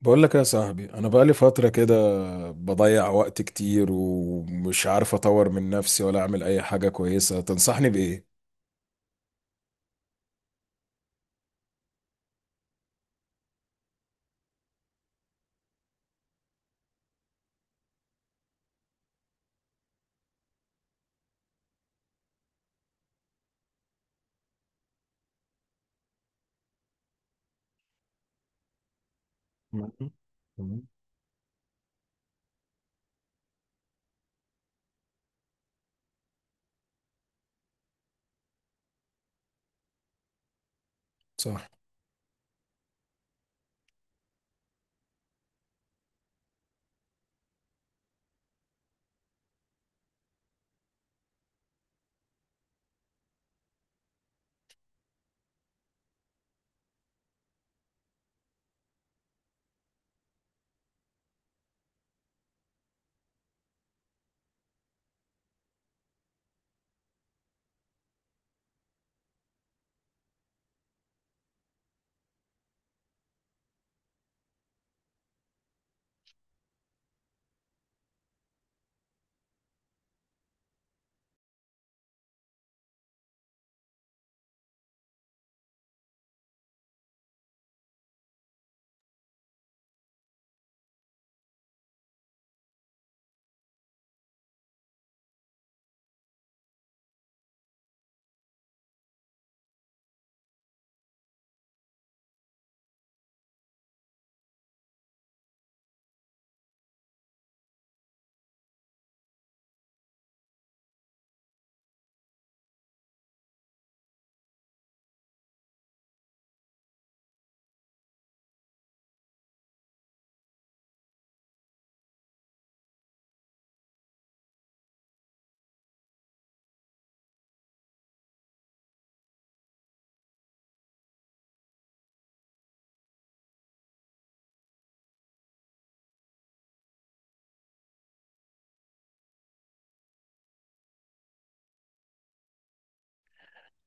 بقول لك يا صاحبي، انا بقالي فتره كده بضيع وقت كتير ومش عارف اطور من نفسي ولا اعمل اي حاجه كويسه. تنصحني بايه؟ تمام تمام. صح.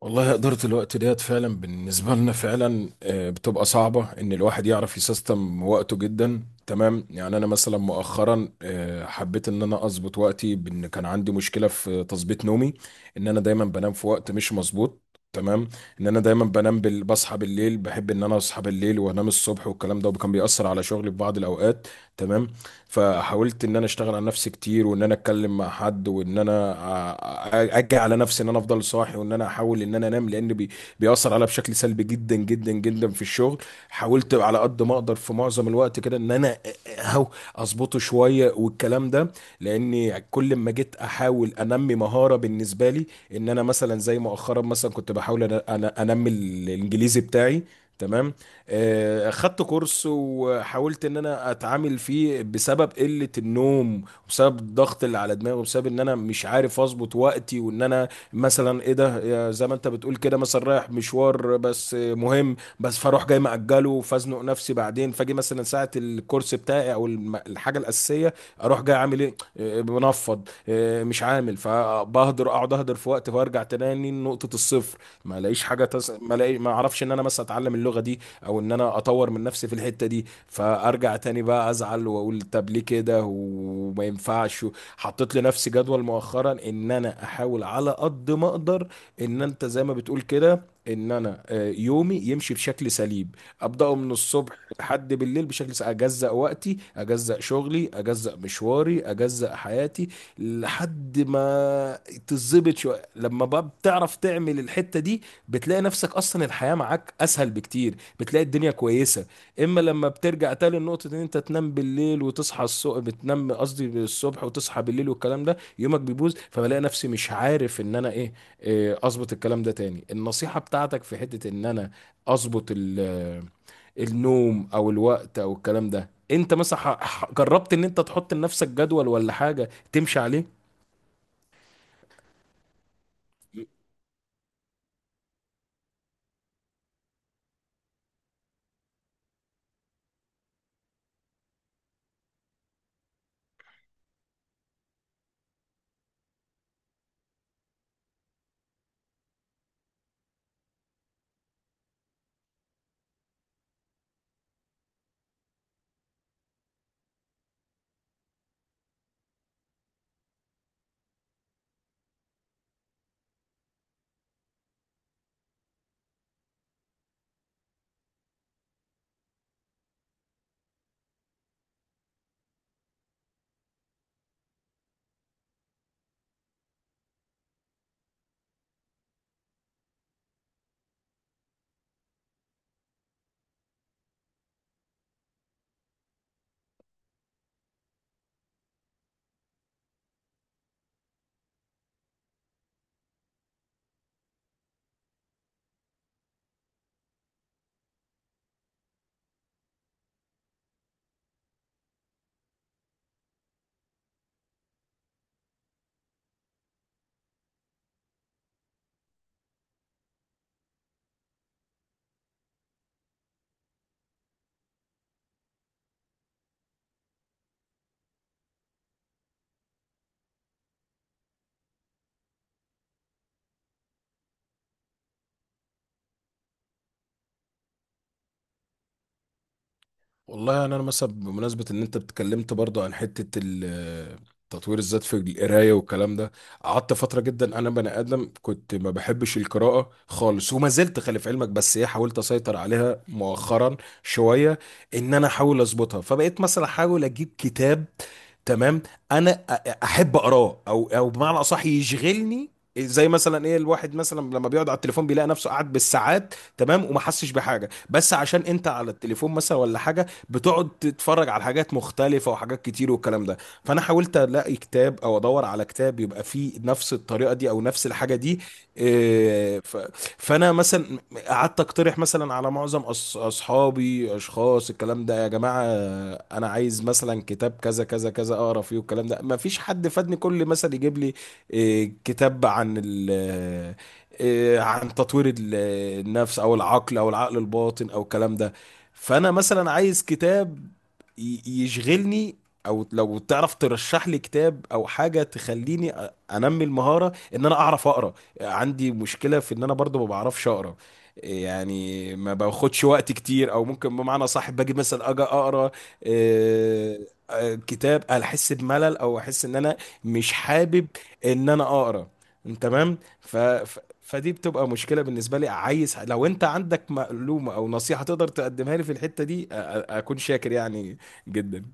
والله إدارة الوقت ديت فعلا بالنسبة لنا فعلا، بتبقى صعبة إن الواحد يعرف يسيستم وقته، جدا تمام. يعني أنا مثلا مؤخرا حبيت إن أنا أظبط وقتي، بإن كان عندي مشكلة في تظبيط نومي. إن أنا دايما بنام في وقت مش مظبوط. تمام. إن أنا دايما بنام بصحى بالليل، بحب إن أنا أصحى بالليل وأنام الصبح والكلام ده، وكان بيأثر على شغلي في بعض الأوقات. تمام. فحاولت ان انا اشتغل على نفسي كتير، وان انا اتكلم مع حد، وان انا اجي على نفسي ان انا افضل صاحي، وان انا احاول ان انا انام، لان بيأثر عليا بشكل سلبي جدا جدا جدا في الشغل. حاولت على قد ما اقدر في معظم الوقت كده ان انا اهو اظبطه شويه والكلام ده، لاني كل ما جيت احاول انمي مهاره بالنسبه لي ان انا مثلا، زي مؤخرا مثلا كنت بحاول انمي الانجليزي بتاعي. تمام. خدت كورس وحاولت ان انا اتعامل فيه، بسبب قلة النوم وبسبب الضغط اللي على دماغي وبسبب ان انا مش عارف اظبط وقتي وان انا مثلا ايه ده. يا زي ما انت بتقول كده، مثلا رايح مشوار، بس مهم، بس فاروح جاي مأجله، فازنق نفسي بعدين، فاجي مثلا ساعة الكورس بتاعي او الحاجة الأساسية، اروح جاي عامل ايه. بنفض، مش عامل، فبهدر اقعد اهدر في وقت، فارجع تاني نقطة الصفر. ما الاقيش حاجة ما الاقي ما اعرفش ان انا مثلا اتعلم اللغة دي، او ان انا اطور من نفسي في الحتة دي، فارجع تاني بقى ازعل واقول طب ليه كده وما ينفعش. حطيت لنفسي جدول مؤخرا ان انا احاول على قد ما اقدر، ان انت زي ما بتقول كده ان انا يومي يمشي بشكل سليم، ابداه من الصبح لحد بالليل بشكل سليم. اجزأ وقتي، اجزأ شغلي، اجزأ مشواري، اجزأ حياتي لحد ما تظبط شويه. لما بقى بتعرف تعمل الحته دي بتلاقي نفسك اصلا الحياه معاك اسهل بكتير، بتلاقي الدنيا كويسه. اما لما بترجع تاني لنقطه ان انت تنام بالليل وتصحى الصبح، بتنام قصدي الصبح وتصحى بالليل والكلام ده، يومك بيبوظ فبلاقي نفسي مش عارف ان انا ايه. إيه، اظبط الكلام ده تاني. النصيحه بتاعتك في حته ان انا اظبط النوم او الوقت او الكلام ده. انت مثلا جربت ان انت تحط لنفسك جدول ولا حاجه تمشي عليه؟ والله يعني انا مثلا بمناسبه ان انت اتكلمت برضه عن حته تطوير الذات في القرايه والكلام ده. قعدت فتره، جدا انا بني ادم كنت ما بحبش القراءه خالص، وما زلت خلي في علمك، بس ايه حاولت اسيطر عليها مؤخرا شويه ان انا احاول اظبطها، فبقيت مثلا احاول اجيب كتاب. تمام. انا احب اقراه، او او بمعنى اصح يشغلني. زي مثلا ايه الواحد مثلا لما بيقعد على التليفون بيلاقي نفسه قاعد بالساعات، تمام، وما حسش بحاجه، بس عشان انت على التليفون مثلا ولا حاجه، بتقعد تتفرج على حاجات مختلفه وحاجات كتير والكلام ده. فانا حاولت الاقي كتاب او ادور على كتاب يبقى فيه نفس الطريقه دي او نفس الحاجه دي. إيه، فانا مثلا قعدت اقترح مثلا على معظم اصحابي، اشخاص الكلام ده: يا جماعه انا عايز مثلا كتاب كذا كذا كذا اقرا فيه والكلام ده، ما فيش حد فادني. كل مثلا يجيب لي إيه، كتاب عن ال إيه، عن تطوير النفس او العقل او العقل الباطن او الكلام ده. فانا مثلا عايز كتاب يشغلني، او لو تعرف ترشح لي كتاب او حاجه تخليني انمي المهاره ان انا اعرف اقرا. عندي مشكله في ان انا برضو ما بعرفش اقرا، يعني ما باخدش وقت كتير، او ممكن بمعنى صح باجي مثلا اجي اقرا آه، كتاب، احس بملل او احس ان انا مش حابب ان انا اقرا. تمام. فدي بتبقى مشكلة بالنسبة لي، عايز لو انت عندك معلومة او نصيحة تقدر تقدمها لي في الحتة دي اكون شاكر يعني جدا.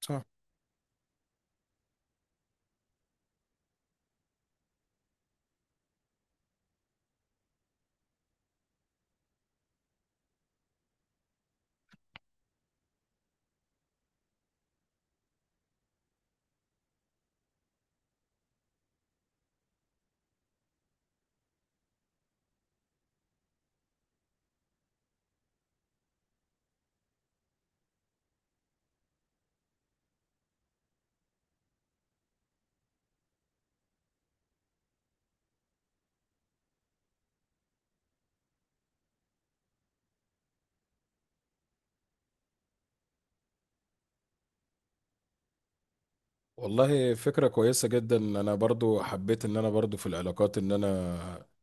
صح. والله فكرة كويسة جدا. انا برضو حبيت ان انا برضو في العلاقات ان انا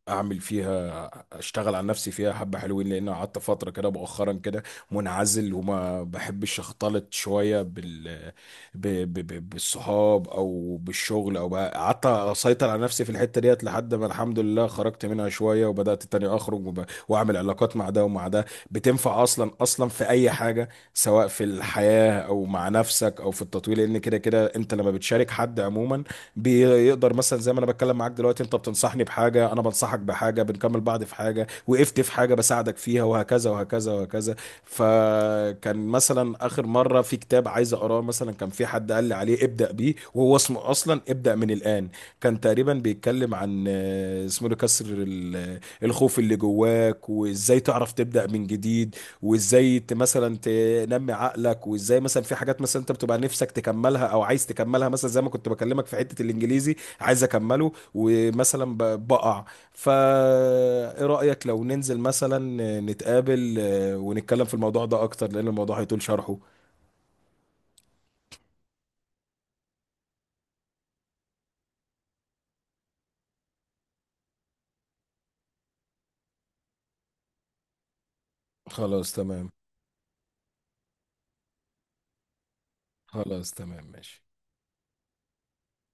اعمل فيها، اشتغل على نفسي فيها حبة حلوين، لان أنا قعدت فترة كده مؤخرا كده منعزل وما بحبش اختلط شوية بالصحاب او بالشغل، او بقى قعدت اسيطر على نفسي في الحتة ديت لحد ما الحمد لله خرجت منها شوية، وبدأت تاني اخرج واعمل علاقات مع ده ومع ده. بتنفع اصلا اصلا في اي حاجة، سواء في الحياة او مع نفسك او في التطوير، لان كده كده انت لما بتشارك حد عموما بيقدر، مثلا زي ما انا بتكلم معاك دلوقتي انت بتنصحني بحاجة انا بنصحك بحاجة، بنكمل بعض في حاجة وقفت في حاجة بساعدك فيها، وهكذا وهكذا وهكذا. فكان مثلا اخر مرة في كتاب عايز اقراه مثلا، كان في حد قال لي عليه ابدأ بيه، وهو اسمه اصلا ابدأ من الآن. كان تقريبا بيتكلم عن اسمه ده كسر الخوف اللي جواك، وازاي تعرف تبدأ من جديد، وازاي مثلا تنمي عقلك، وازاي مثلا في حاجات مثلا انت بتبقى نفسك تكملها او عايز تكملها، مثلا زي ما كنت بكلمك في حتة الانجليزي عايز اكمله، ومثلا بقع فا ايه رأيك لو ننزل مثلا نتقابل، ونتكلم في الموضوع ده اكتر، لان الموضوع هيطول شرحه. خلاص تمام. خلاص تمام ماشي.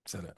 سلام.